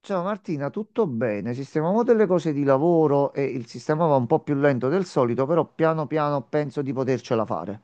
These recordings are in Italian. Ciao Martina, tutto bene? Sistemavo delle cose di lavoro e il sistema va un po' più lento del solito, però piano piano penso di potercela fare.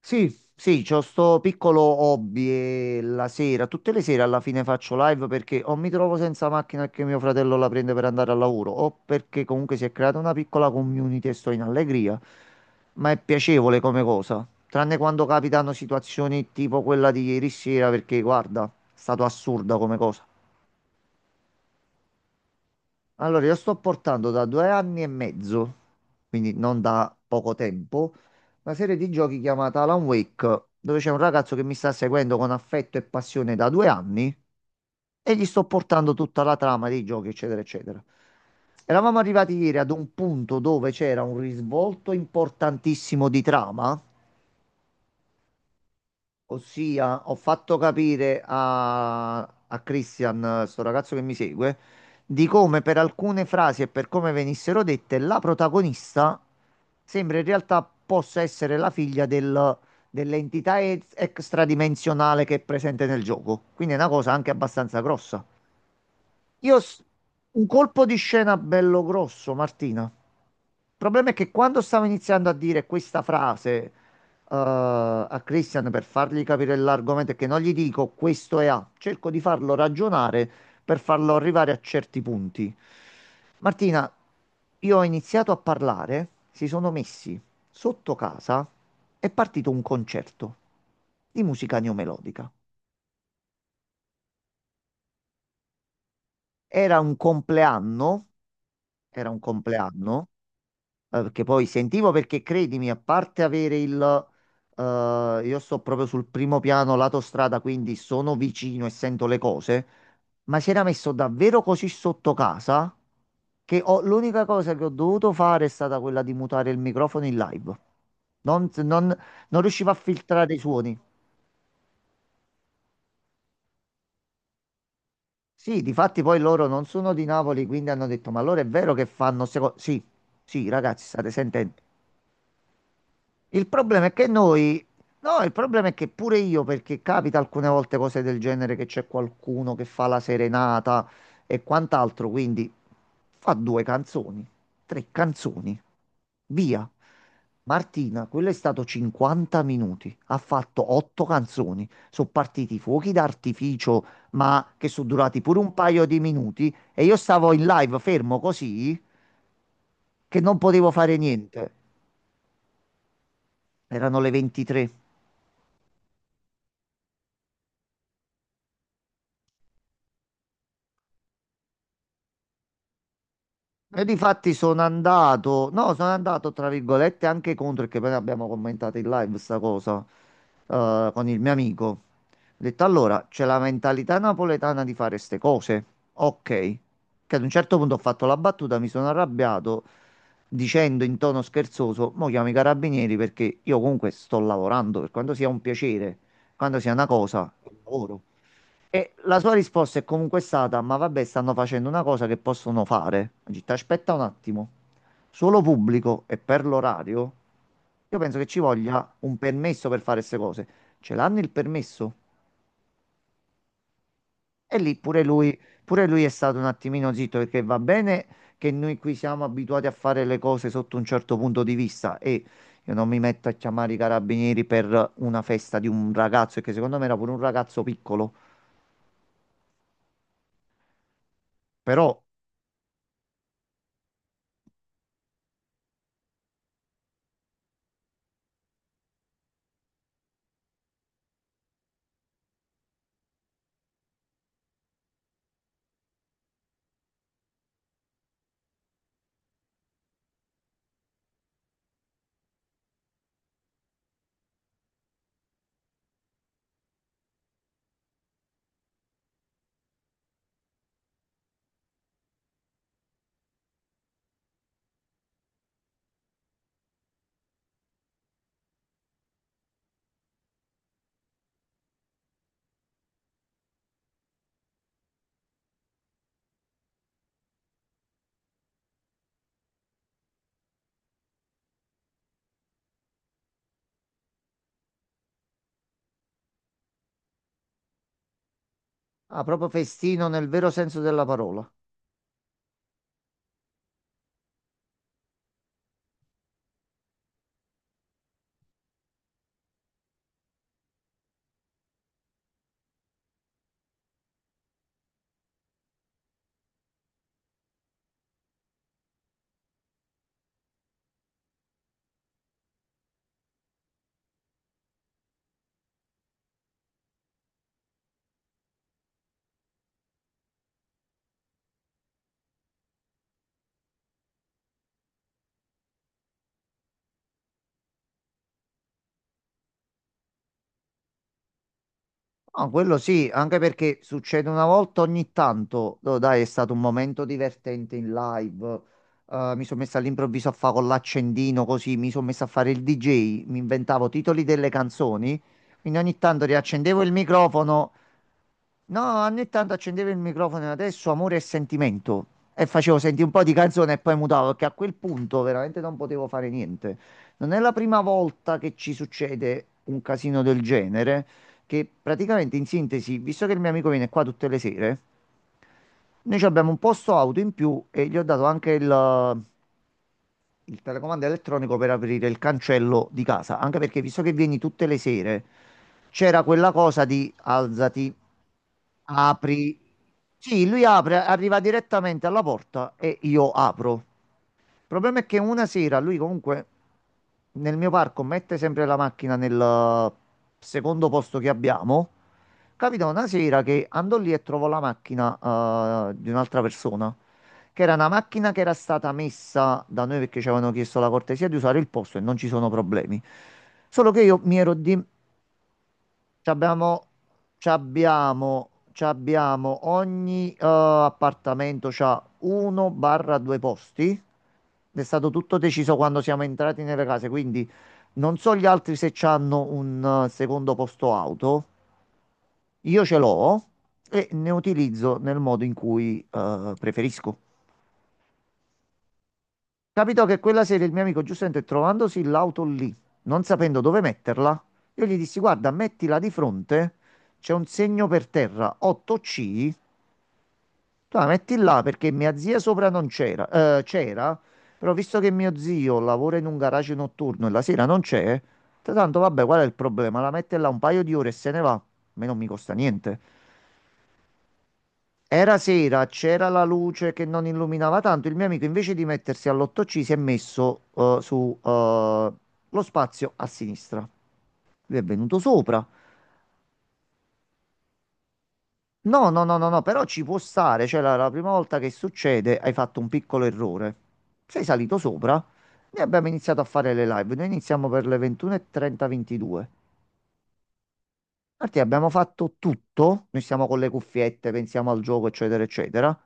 Sì, sì, c'ho sto piccolo hobby e la sera, tutte le sere alla fine faccio live perché o mi trovo senza macchina e che mio fratello la prende per andare al lavoro, o perché comunque si è creata una piccola community e sto in allegria, ma è piacevole come cosa, tranne quando capitano situazioni tipo quella di ieri sera perché guarda, è stato assurda come cosa. Allora, io sto portando da 2 anni e mezzo, quindi non da poco tempo, una serie di giochi chiamata Alan Wake, dove c'è un ragazzo che mi sta seguendo con affetto e passione da 2 anni e gli sto portando tutta la trama dei giochi, eccetera, eccetera. Eravamo arrivati ieri ad un punto dove c'era un risvolto importantissimo di trama. Ossia, ho fatto capire a Christian, sto ragazzo che mi segue, di come per alcune frasi e per come venissero dette, la protagonista sembra in realtà possa essere la figlia dell'entità extradimensionale che è presente nel gioco. Quindi è una cosa anche abbastanza grossa. Io s- un colpo di scena bello grosso, Martina. Il problema è che quando stavo iniziando a dire questa frase a Christian per fargli capire l'argomento, è che non gli dico questo è A, cerco di farlo ragionare per farlo arrivare a certi punti. Martina, io ho iniziato a parlare, si sono messi sotto casa, è partito un concerto di musica neomelodica. Era un compleanno, era un compleanno che poi sentivo perché credimi, a parte avere il... io sto proprio sul primo piano lato strada, quindi sono vicino e sento le cose, ma si era messo davvero così sotto casa che l'unica cosa che ho dovuto fare è stata quella di mutare il microfono in live. Non, non, non riuscivo a filtrare i suoni. Sì, difatti poi loro non sono di Napoli, quindi hanno detto, "Ma allora è vero che fanno... Sì, sì, ragazzi, state sentendo. Il problema è che noi, no, il problema è che pure io, perché capita alcune volte cose del genere che c'è qualcuno che fa la serenata e quant'altro, quindi fa due canzoni, tre canzoni, via. Martina, quello è stato 50 minuti, ha fatto otto canzoni, sono partiti fuochi d'artificio, ma che sono durati pure un paio di minuti e io stavo in live fermo così che non potevo fare niente. Erano le 23. E difatti sono andato, no, sono andato tra virgolette anche contro, perché poi abbiamo commentato in live sta cosa con il mio amico. Ho detto, "Allora, c'è la mentalità napoletana di fare ste cose. Ok", che ad un certo punto ho fatto la battuta, mi sono arrabbiato dicendo in tono scherzoso, "Mo chiamo i carabinieri perché io comunque sto lavorando, per quanto sia un piacere, quando sia una cosa, è un lavoro." E la sua risposta è comunque stata: "Ma vabbè, stanno facendo una cosa che possono fare." Ho detto, "Aspetta un attimo. Solo pubblico e per l'orario? Io penso che ci voglia un permesso per fare queste cose. Ce l'hanno il permesso?" E lì pure lui è stato un attimino zitto perché va bene che noi qui siamo abituati a fare le cose sotto un certo punto di vista e io non mi metto a chiamare i carabinieri per una festa di un ragazzo, che secondo me era pure un ragazzo piccolo, però ah, proprio festino nel vero senso della parola. Ah, quello sì, anche perché succede una volta ogni tanto. Oh, dai, è stato un momento divertente in live. Mi sono messo all'improvviso a fare con l'accendino così, mi sono messo a fare il DJ, mi inventavo titoli delle canzoni. Quindi ogni tanto riaccendevo il microfono, no, anni 80, accendevo il microfono e adesso amore e sentimento, e facevo sentire un po' di canzone e poi mutavo perché a quel punto veramente non potevo fare niente. Non è la prima volta che ci succede un casino del genere, che praticamente in sintesi, visto che il mio amico viene qua tutte le sere, noi ci abbiamo un posto auto in più e gli ho dato anche il telecomando elettronico per aprire il cancello di casa, anche perché visto che vieni tutte le sere, c'era quella cosa di alzati, apri. Sì, lui apre, arriva direttamente alla porta e io apro. Il problema è che una sera lui comunque nel mio parco mette sempre la macchina nel secondo posto che abbiamo. Capita una sera che andò lì e trovo la macchina di un'altra persona, che era una macchina che era stata messa da noi perché ci avevano chiesto la cortesia di usare il posto e non ci sono problemi. Solo che io mi ero c'abbiamo, c'abbiamo ogni appartamento c'ha uno barra due posti. Ed è stato tutto deciso quando siamo entrati nelle case, quindi non so gli altri se c'hanno un secondo posto auto. Io ce l'ho e ne utilizzo nel modo in cui preferisco. Capitò che quella sera il mio amico Giuseppe, trovandosi l'auto lì, non sapendo dove metterla, io gli dissi, "Guarda, mettila di fronte, c'è un segno per terra 8C, tu la metti là perché mia zia sopra non c'era, c'era, però visto che mio zio lavora in un garage notturno e la sera non c'è, tanto vabbè, qual è il problema? La mette là un paio di ore e se ne va, a me non mi costa niente." Era sera, c'era la luce che non illuminava tanto. Il mio amico, invece di mettersi all'8C, si è messo su lo spazio a sinistra. Lui è venuto sopra. No, no, no, no, no, però ci può stare. Cioè, la prima volta che succede, hai fatto un piccolo errore. Sei salito sopra. Noi abbiamo iniziato a fare le live. Noi iniziamo per le 21:30, 22. Infatti abbiamo fatto tutto. Noi siamo con le cuffiette, pensiamo al gioco, eccetera, eccetera.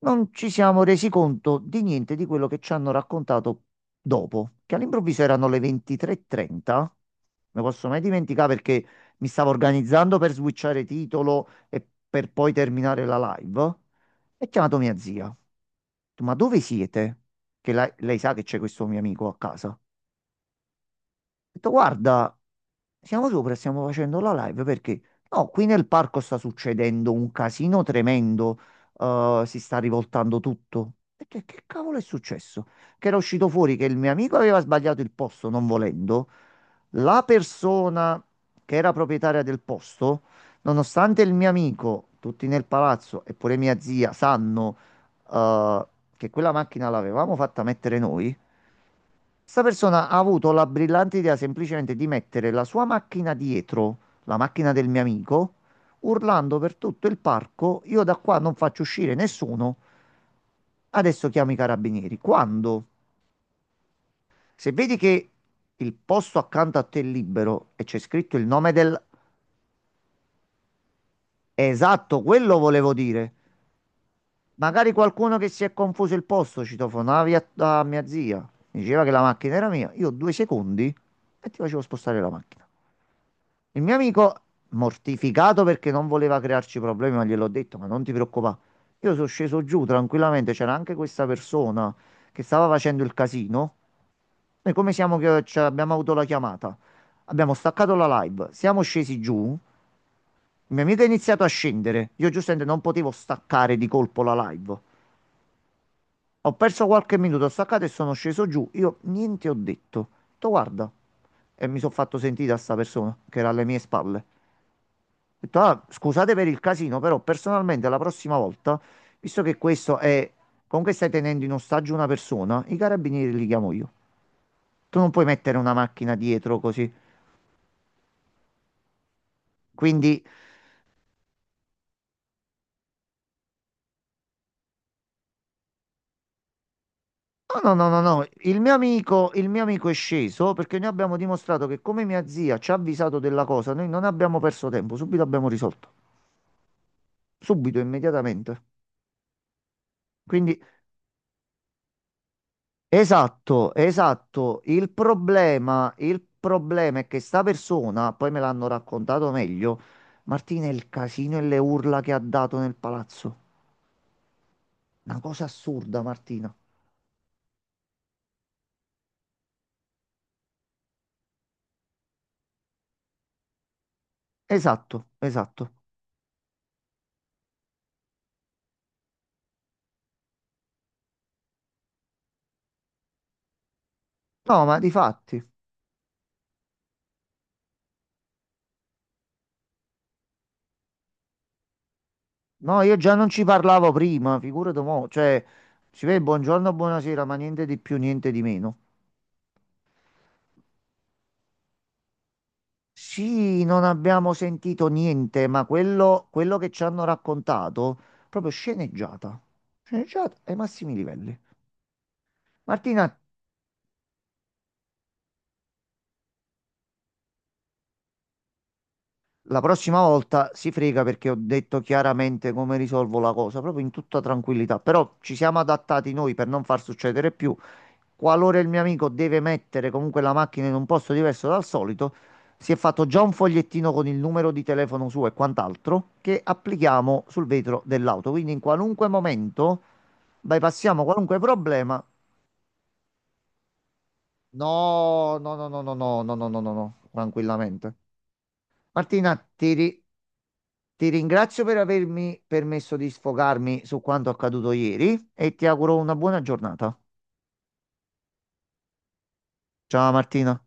Non ci siamo resi conto di niente di quello che ci hanno raccontato dopo, che all'improvviso erano le 23:30. Non me posso mai dimenticare perché mi stavo organizzando per switchare titolo e per poi terminare la live. E chiamato mia zia. Ho detto, "Ma dove siete?" Che lei sa che c'è questo mio amico a casa. Ho detto, "Guarda, siamo sopra e stiamo facendo la live perché no, qui nel parco sta succedendo un casino tremendo, si sta rivoltando tutto." Ho detto, "E che cavolo è successo?" Che era uscito fuori che il mio amico aveva sbagliato il posto non volendo. La persona che era proprietaria del posto, nonostante il mio amico, tutti nel palazzo e pure mia zia sanno, eh, che quella macchina l'avevamo fatta mettere noi. Questa persona ha avuto la brillante idea semplicemente di mettere la sua macchina dietro, la macchina del mio amico, urlando per tutto il parco, "Io da qua non faccio uscire nessuno, adesso chiamo i carabinieri." Quando, se vedi che il posto accanto a te è libero e c'è scritto il nome del... Esatto, quello volevo dire. Magari qualcuno che si è confuso il posto, citofonavi a mia zia, diceva che la macchina era mia, io 2 secondi e ti facevo spostare la macchina. Il mio amico, mortificato perché non voleva crearci problemi, ma gliel'ho detto, "Ma non ti preoccupare." Io sono sceso giù tranquillamente, c'era anche questa persona che stava facendo il casino. Noi come siamo che ci abbiamo avuto la chiamata? Abbiamo staccato la live, siamo scesi giù. Il mio amico ha iniziato a scendere. Io giustamente non potevo staccare di colpo la live. Ho perso qualche minuto, ho staccato e sono sceso giù. Io niente ho detto. Ho detto, "Guarda." E mi sono fatto sentire a sta persona che era alle mie spalle. Ho detto, "Ah, scusate per il casino, però personalmente la prossima volta, visto che questo è, comunque stai tenendo in ostaggio una persona, i carabinieri li chiamo io. Tu non puoi mettere una macchina dietro così." Quindi, no, no, no, no, no. Il mio amico è sceso perché noi abbiamo dimostrato che come mia zia ci ha avvisato della cosa, noi non abbiamo perso tempo, subito abbiamo risolto. Subito, immediatamente. Quindi esatto, esatto. Il problema è che sta persona, poi me l'hanno raccontato meglio, Martina, il casino e le urla che ha dato nel palazzo. Una cosa assurda, Martina. Esatto, esatto. No, ma di fatti, no, io già non ci parlavo prima, figurati mo', cioè, si vede buongiorno, buonasera, ma niente di più, niente di meno. Sì, non abbiamo sentito niente, ma quello che ci hanno raccontato, proprio sceneggiata. Sceneggiata ai massimi livelli. Martina, la prossima volta si frega perché ho detto chiaramente come risolvo la cosa, proprio in tutta tranquillità. Però ci siamo adattati noi per non far succedere più. Qualora il mio amico deve mettere comunque la macchina in un posto diverso dal solito, si è fatto già un fogliettino con il numero di telefono suo e quant'altro che applichiamo sul vetro dell'auto. Quindi in qualunque momento bypassiamo qualunque problema. No, no, no, no, no, no, no, no, no, no, no, tranquillamente. Martina, ti ringrazio per avermi permesso di sfogarmi su quanto accaduto ieri e ti auguro una buona giornata. Ciao Martina.